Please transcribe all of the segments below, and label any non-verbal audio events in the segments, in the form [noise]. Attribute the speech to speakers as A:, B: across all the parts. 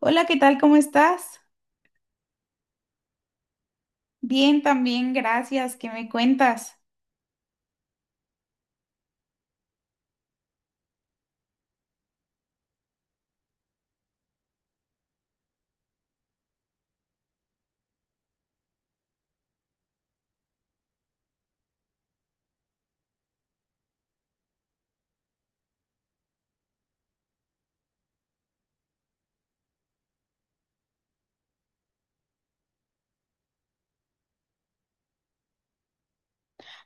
A: Hola, ¿qué tal? ¿Cómo estás? Bien, también, gracias. ¿Qué me cuentas?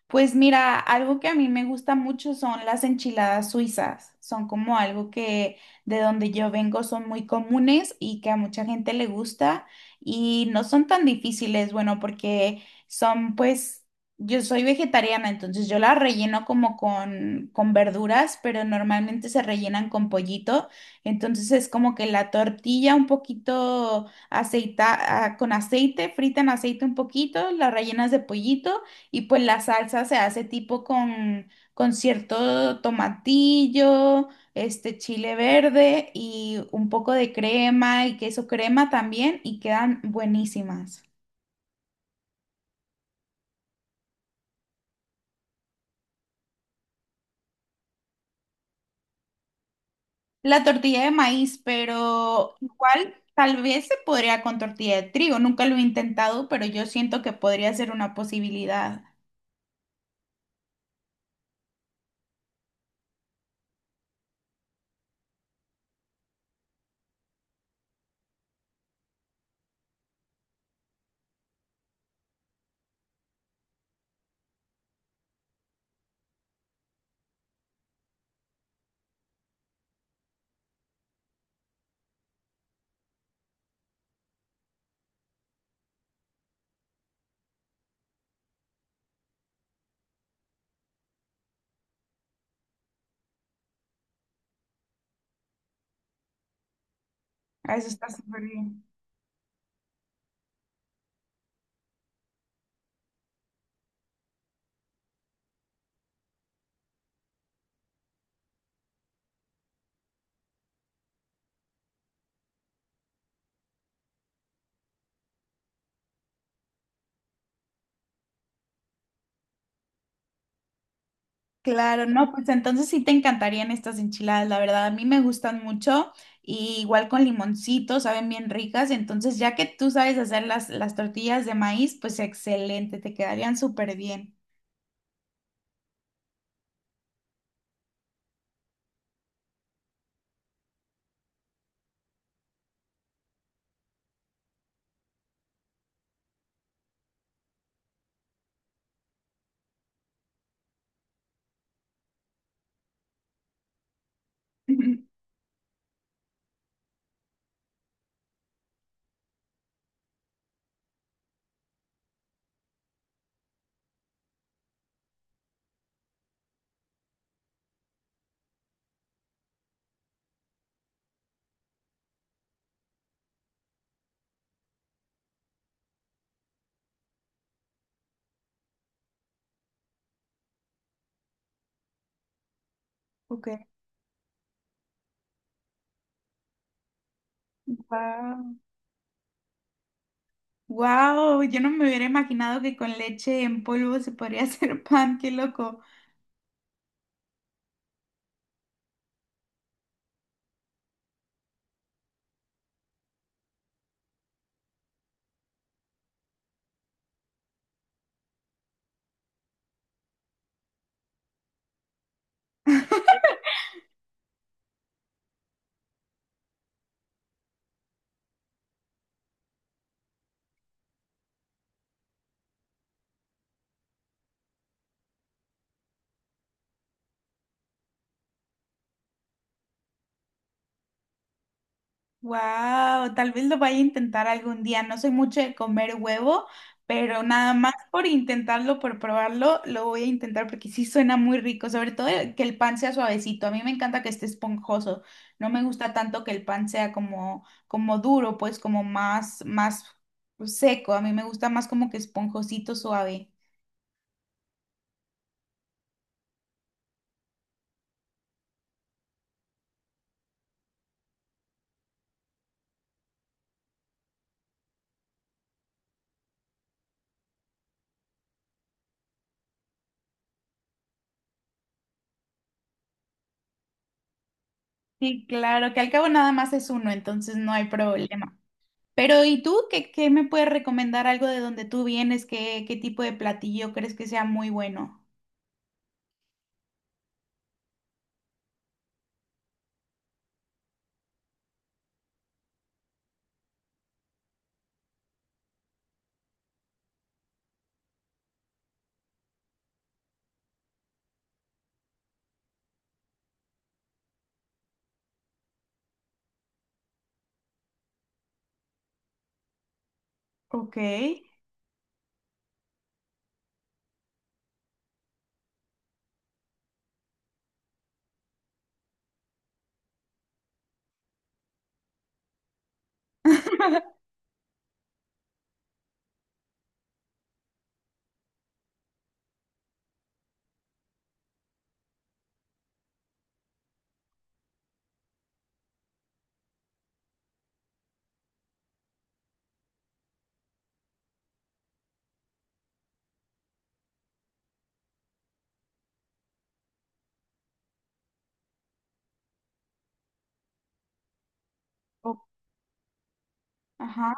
A: Pues mira, algo que a mí me gusta mucho son las enchiladas suizas. Son como algo que de donde yo vengo son muy comunes y que a mucha gente le gusta y no son tan difíciles, bueno, porque son pues, yo soy vegetariana, entonces yo las relleno como con verduras, pero normalmente se rellenan con pollito. Entonces es como que la tortilla un poquito aceita, ah, con aceite, frita en aceite un poquito, la rellenas de pollito. Y pues la salsa se hace tipo con cierto tomatillo, este chile verde y un poco de crema y queso crema también y quedan buenísimas. La tortilla de maíz, pero igual tal vez se podría con tortilla de trigo. Nunca lo he intentado, pero yo siento que podría ser una posibilidad. Ah, eso está súper bien. Claro, no, pues entonces sí te encantarían estas enchiladas, la verdad, a mí me gustan mucho y igual con limoncito, saben bien ricas, entonces ya que tú sabes hacer las tortillas de maíz, pues excelente, te quedarían súper bien. [laughs] Ok. Wow. Wow, yo no me hubiera imaginado que con leche en polvo se podría [laughs] hacer pan, qué loco. Wow, tal vez lo vaya a intentar algún día. No soy mucho de comer huevo, pero nada más por intentarlo, por probarlo, lo voy a intentar porque sí suena muy rico, sobre todo que el pan sea suavecito. A mí me encanta que esté esponjoso. No me gusta tanto que el pan sea como duro, pues como más seco. A mí me gusta más como que esponjosito, suave. Sí, claro, que al cabo nada más es uno, entonces no hay problema. Pero, ¿y tú qué, qué me puedes recomendar algo de donde tú vienes? ¿Qué, qué tipo de platillo crees que sea muy bueno? Ok, o- [laughs] ajá,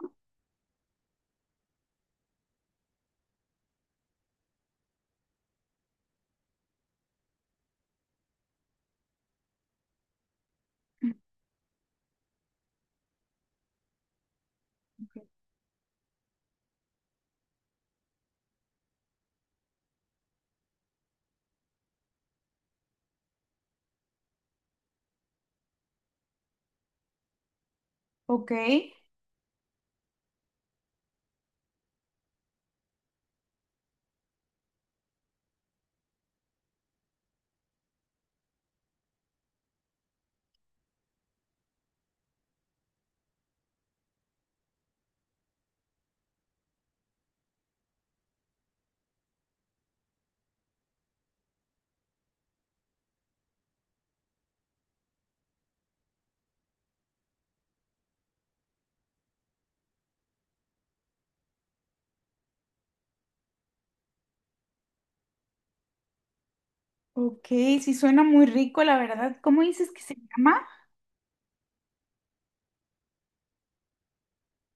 A: ok, ok, sí suena muy rico, la verdad. ¿Cómo dices que se llama?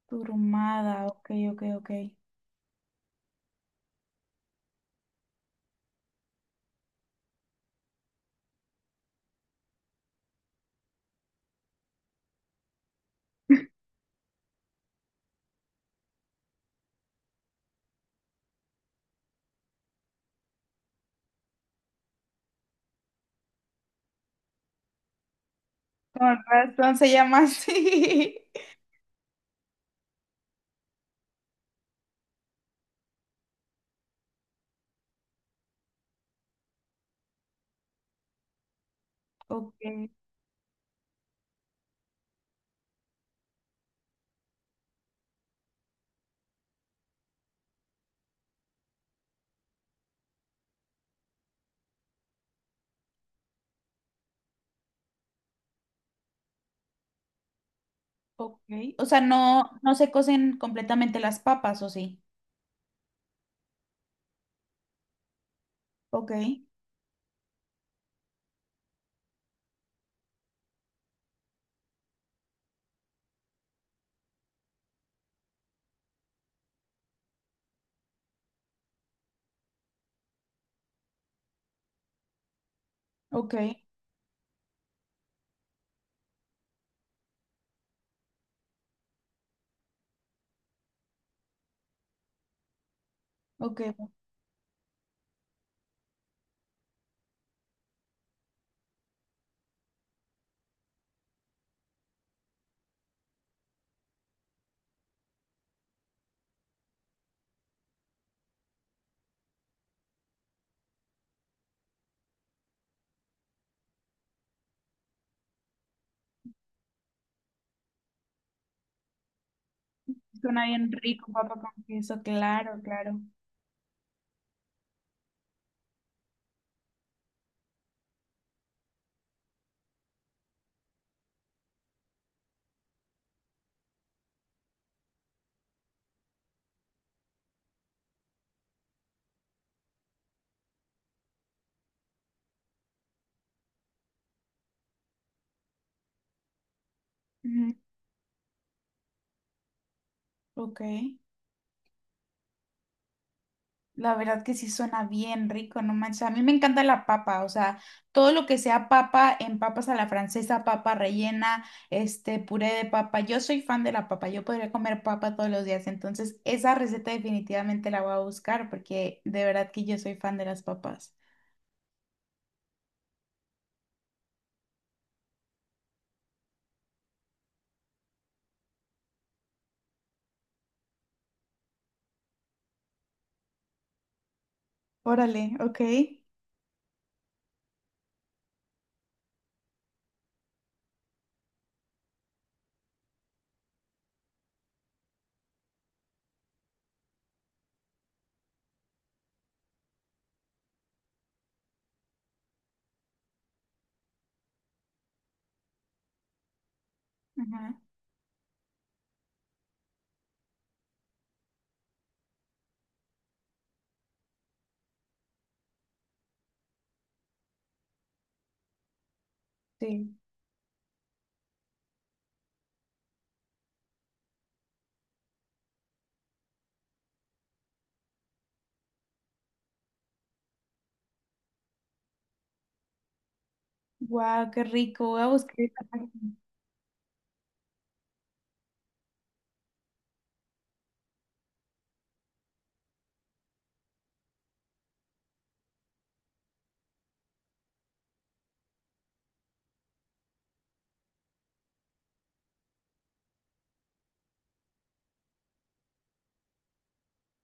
A: Turumada, ok, ok, ok. Con razón se llama así. [laughs] Ok, ok. O sea, no se cocen completamente las papas, ¿o sí? Ok, ok, ok. Suena bien rico, papa con queso, claro, claro. Ok, la verdad que sí suena bien rico, no manches. A mí me encanta la papa, o sea, todo lo que sea papa, en papas a la francesa, papa rellena, este puré de papa. Yo soy fan de la papa, yo podría comer papa todos los días, entonces esa receta definitivamente la voy a buscar porque de verdad que yo soy fan de las papas. Órale, ok. Ajá, sí. Wow, qué rico. Voy a buscar esa página.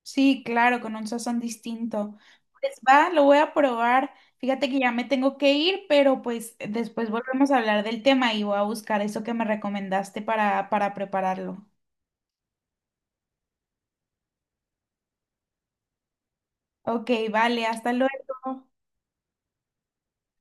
A: Sí, claro, con un sazón distinto. Pues va, lo voy a probar. Fíjate que ya me tengo que ir, pero pues después volvemos a hablar del tema y voy a buscar eso que me recomendaste para prepararlo. Ok, vale, hasta luego.